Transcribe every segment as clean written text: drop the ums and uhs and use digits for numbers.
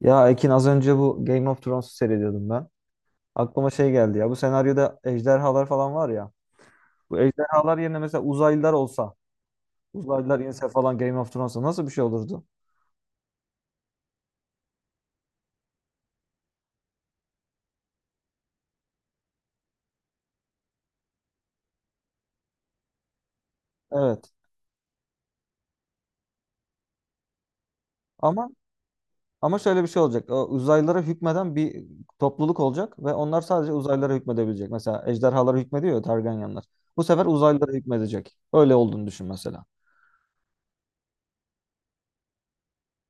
Ya Ekin az önce bu Game of Thrones'u seyrediyordum ben. Aklıma şey geldi ya, bu senaryoda ejderhalar falan var ya. Bu ejderhalar yerine mesela uzaylılar olsa, uzaylılar inse falan Game of Thrones'a nasıl bir şey olurdu? Evet. Ama ama şöyle bir şey olacak. O uzaylılara hükmeden bir topluluk olacak ve onlar sadece uzaylılara hükmedebilecek. Mesela ejderhalara hükmediyor ya Targaryenlar. Bu sefer uzaylılara hükmedecek. Öyle olduğunu düşün mesela.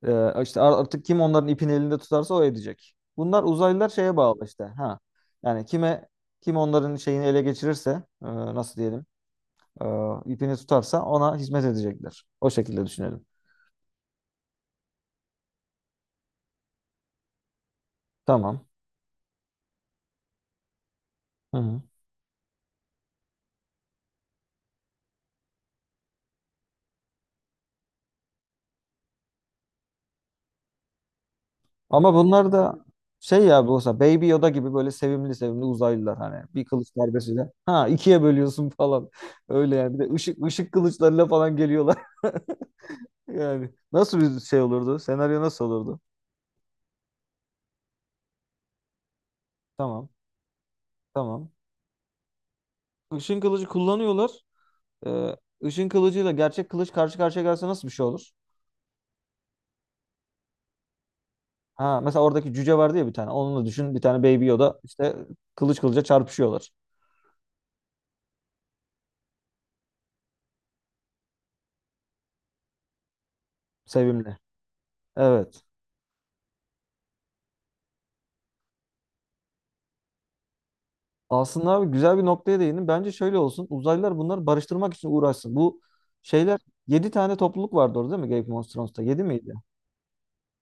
İşte artık kim onların ipini elinde tutarsa o edecek. Bunlar uzaylılar şeye bağlı işte. Ha. Yani kime, kim onların şeyini ele geçirirse nasıl diyelim, e, ipini tutarsa ona hizmet edecekler. O şekilde düşünelim. Tamam. Hı hı. Ama bunlar da şey ya, bu olsa Baby Yoda gibi böyle sevimli sevimli uzaylılar, hani bir kılıç darbesiyle ha ikiye bölüyorsun falan öyle yani, bir de ışık kılıçlarıyla falan geliyorlar. Yani nasıl bir şey olurdu, senaryo nasıl olurdu? Tamam, tamam. Işın kılıcı kullanıyorlar. Ee, ışın kılıcıyla gerçek kılıç karşı karşıya gelse nasıl bir şey olur? Ha, mesela oradaki cüce vardı ya bir tane. Onunla düşün. Bir tane Baby Yoda işte, kılıç kılıca çarpışıyorlar. Sevimli. Evet. Aslında abi güzel bir noktaya değindin. Bence şöyle olsun. Uzaylılar bunları barıştırmak için uğraşsın. Bu şeyler 7 tane topluluk vardı orada, değil mi? Game of Thrones'ta 7 miydi?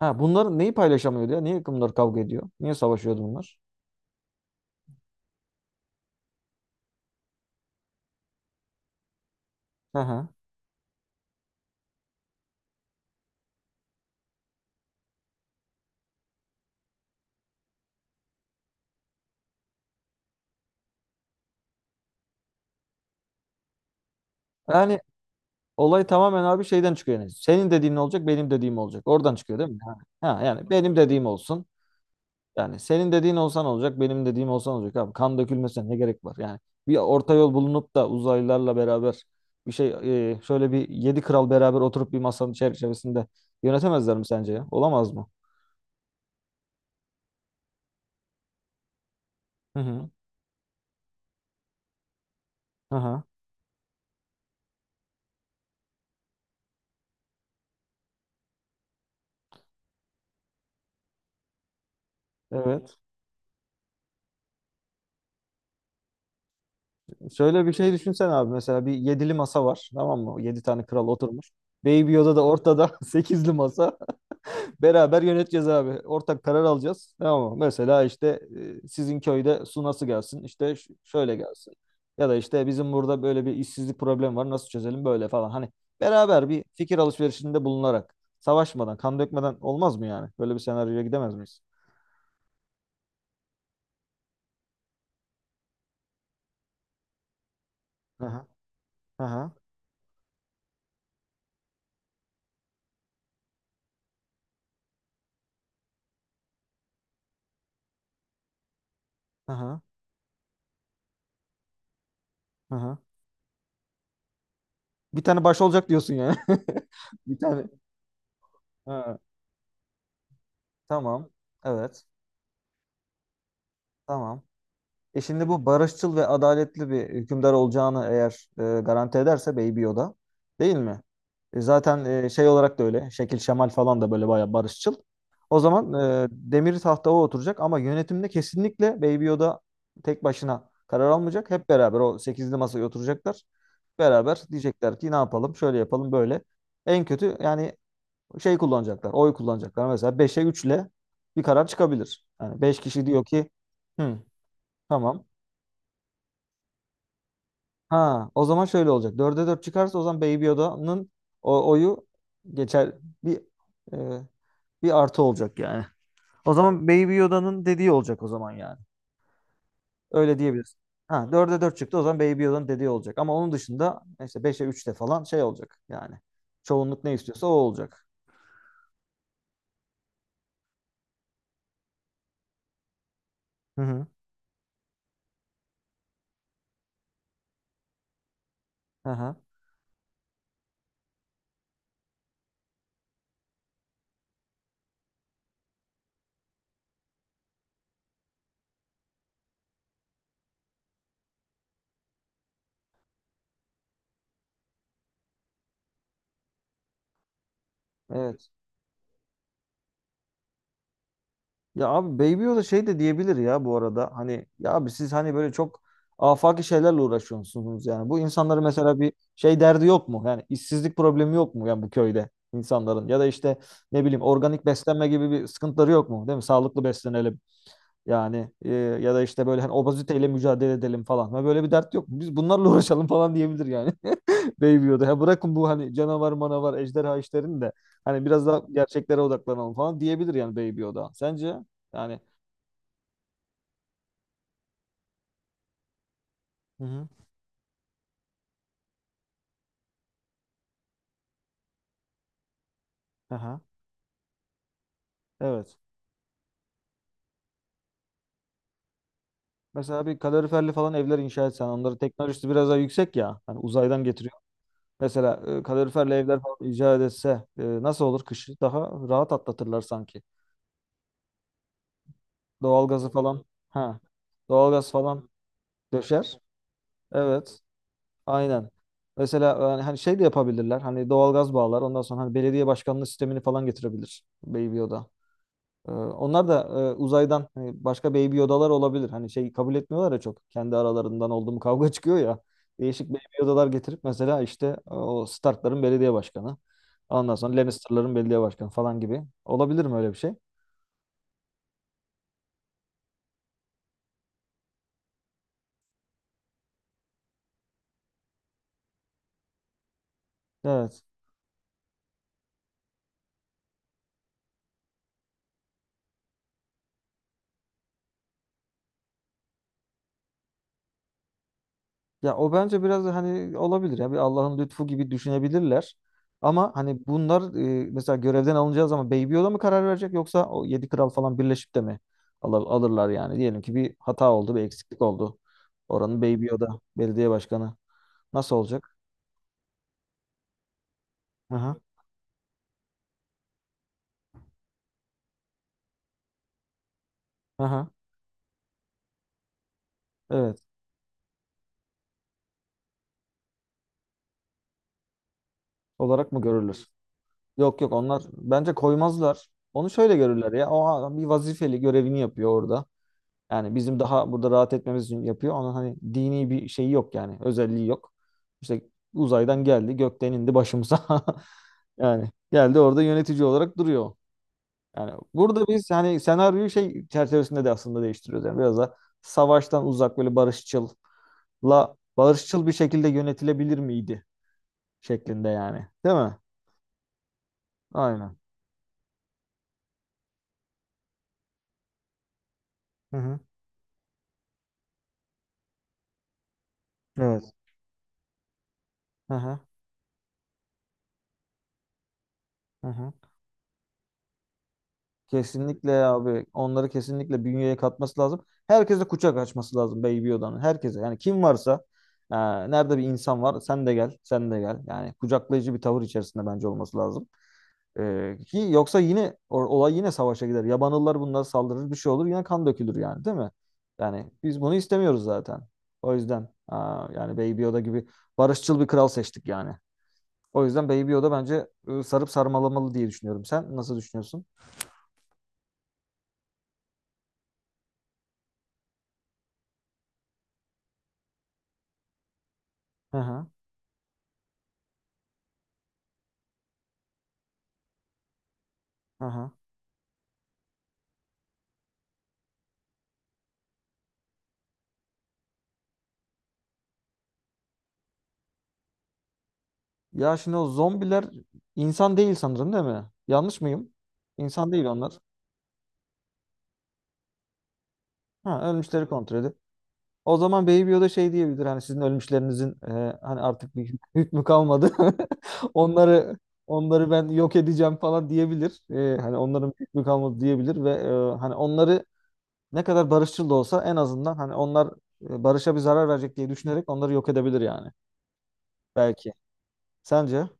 Ha, bunların neyi paylaşamıyordu ya? Niye bunlar kavga ediyor? Niye savaşıyordu bunlar? Hı hı. Yani olay tamamen abi şeyden çıkıyor yani. Senin dediğin olacak, benim dediğim olacak. Oradan çıkıyor değil mi? Yani, ha, yani benim dediğim olsun. Yani senin dediğin olsan olacak, benim dediğim olsan olacak abi. Kan dökülmesine ne gerek var? Yani bir orta yol bulunup da uzaylılarla beraber bir şey, şöyle bir yedi kral beraber oturup bir masanın çerçevesinde yönetemezler mi sence ya? Olamaz mı? Hı hı. Aha. Evet. Şöyle bir şey düşünsen abi, mesela bir yedili masa var. Tamam mı? Yedi tane kral oturmuş. Baby Yoda da ortada sekizli masa. Beraber yöneteceğiz abi. Ortak karar alacağız. Tamam mı? Mesela işte, sizin köyde su nasıl gelsin? İşte şöyle gelsin. Ya da işte bizim burada böyle bir işsizlik problemi var. Nasıl çözelim böyle falan. Hani beraber bir fikir alışverişinde bulunarak, savaşmadan, kan dökmeden olmaz mı yani? Böyle bir senaryoya gidemez miyiz? Aha, aha, aha, aha. Bir tane baş olacak diyorsun yani. Bir tane. Ha, tamam. Evet. Tamam. E şimdi bu barışçıl ve adaletli bir hükümdar olacağını eğer garanti ederse Baby Yoda, değil mi? E, zaten, şey olarak da öyle. Şekil şemal falan da böyle bayağı barışçıl. O zaman demir tahta o oturacak ama yönetimde kesinlikle Baby Yoda tek başına karar almayacak. Hep beraber o sekizli masaya oturacaklar. Beraber diyecekler ki ne yapalım, şöyle yapalım böyle. En kötü yani şey kullanacaklar, oy kullanacaklar. Mesela beşe üçle bir karar çıkabilir. Yani 5 kişi diyor ki. Hı, tamam. Ha, o zaman şöyle olacak. Dörde 4 çıkarsa o zaman Baby Yoda'nın o oyu geçer, bir e, bir artı olacak yani. O zaman Baby Yoda'nın dediği olacak o zaman yani. Öyle diyebiliriz. Ha, dörde 4 çıktı, o zaman Baby Yoda'nın dediği olacak. Ama onun dışında işte beşe üçte falan şey olacak yani. Çoğunluk ne istiyorsa o olacak. Hı hı. Aha, evet. Ya abi Baby Yoda şey de diyebilir ya bu arada. Hani ya abi, siz hani böyle çok afaki şeylerle uğraşıyorsunuz yani. Bu insanların mesela bir şey derdi yok mu? Yani işsizlik problemi yok mu yani bu köyde insanların? Ya da işte ne bileyim, organik beslenme gibi bir sıkıntıları yok mu? Değil mi? Sağlıklı beslenelim. Yani ya da işte böyle hani obeziteyle mücadele edelim falan. Ha, böyle bir dert yok. Biz bunlarla uğraşalım falan diyebilir yani. Baby Yoda. Ha, bırakın bu hani canavar manavar ejderha işlerini de hani biraz daha gerçeklere odaklanalım falan diyebilir yani Baby Yoda. Sence? Yani. Hı hı. Aha. Evet. Mesela bir kaloriferli falan evler inşa etsen, onları teknolojisi biraz daha yüksek ya. Hani uzaydan getiriyor. Mesela kaloriferli evler falan icat etse, nasıl olur kışı? Daha rahat atlatırlar sanki. Doğalgazı falan. Ha. Doğalgaz falan döşer. Evet, aynen. Mesela yani hani, şey de yapabilirler. Hani doğalgaz bağlar. Ondan sonra hani belediye başkanlığı sistemini falan getirebilir Baby Yoda. Onlar da uzaydan, hani başka Baby Yodalar olabilir. Hani şey kabul etmiyorlar ya çok. Kendi aralarından oldu kavga çıkıyor ya. Değişik Baby Yodalar getirip mesela işte, o Stark'ların belediye başkanı. Ondan sonra Lannister'ların belediye başkanı falan gibi. Olabilir mi öyle bir şey? Evet. Ya o bence biraz da hani olabilir ya, bir Allah'ın lütfu gibi düşünebilirler. Ama hani bunlar mesela görevden alınacağı zaman Baby Yoda mı karar verecek, yoksa o yedi kral falan birleşip de mi alır, alırlar yani? Diyelim ki bir hata oldu, bir eksiklik oldu. Oranın Baby Yoda belediye başkanı nasıl olacak? Aha, aha, evet olarak mı görülür? Yok yok, onlar bence koymazlar. Onu şöyle görürler ya, o bir vazifeli, görevini yapıyor orada. Yani bizim daha burada rahat etmemiz için yapıyor. Onun hani dini bir şeyi yok yani. Özelliği yok. İşte uzaydan geldi, gökten indi başımıza. Yani geldi, orada yönetici olarak duruyor. Yani burada biz hani senaryoyu şey çerçevesinde de aslında değiştiriyoruz. Yani biraz da savaştan uzak, böyle barışçıl bir şekilde yönetilebilir miydi şeklinde yani. Değil mi? Aynen. Hı hı. Evet. Hı hı. Hı hı. Kesinlikle abi. Onları kesinlikle bünyeye katması lazım. Herkese kucak açması lazım Baby Yoda'nın. Herkese. Yani kim varsa, e, nerede bir insan var, sen de gel. Sen de gel. Yani kucaklayıcı bir tavır içerisinde bence olması lazım. E, ki yoksa yine olay yine savaşa gider. Yabanıllar bunlara saldırır. Bir şey olur. Yine kan dökülür yani, değil mi? Yani biz bunu istemiyoruz zaten. O yüzden, e, yani Baby Yoda gibi barışçıl bir kral seçtik yani. O yüzden Baby Yoda bence sarıp sarmalamalı diye düşünüyorum. Sen nasıl düşünüyorsun? Hı hı. Hı hı. Ya şimdi o zombiler insan değil sanırım, değil mi? Yanlış mıyım? İnsan değil onlar. Ha, ölmüşleri kontrol edip. O zaman Baby Yoda şey diyebilir, hani sizin ölmüşlerinizin hani artık bir hükmü kalmadı. Onları onları ben yok edeceğim falan diyebilir. E, hani onların bir hükmü kalmadı diyebilir ve hani onları ne kadar barışçıl da olsa en azından hani onlar barışa bir zarar verecek diye düşünerek onları yok edebilir yani. Belki. Sence?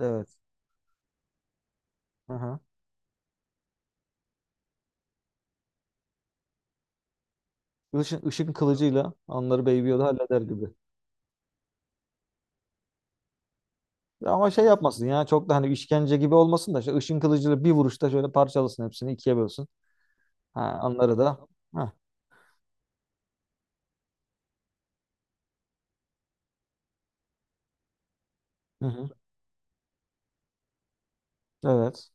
Evet. Hı hı. Işın, ışın kılıcıyla onları Baby Yoda halleder gibi. Ama şey yapmasın ya, çok da hani işkence gibi olmasın da, şu ışın kılıcıyla bir vuruşta şöyle parçalasın hepsini, ikiye bölsün. Ha, onları da. Ha, hı hı. Evet.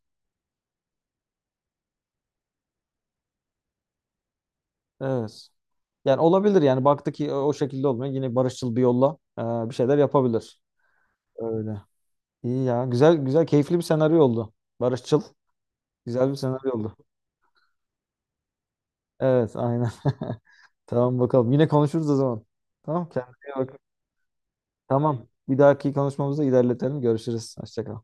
Evet. Yani olabilir yani, baktı ki o o şekilde olmuyor. Yine barışçıl bir yolla bir şeyler yapabilir. Öyle. İyi ya. Güzel güzel keyifli bir senaryo oldu. Barışçıl. Güzel bir senaryo oldu. Evet aynen. Tamam bakalım. Yine konuşuruz o zaman. Tamam, kendine iyi bak. Tamam. Bir dahaki konuşmamızda ilerletelim. Görüşürüz. Hoşça kal.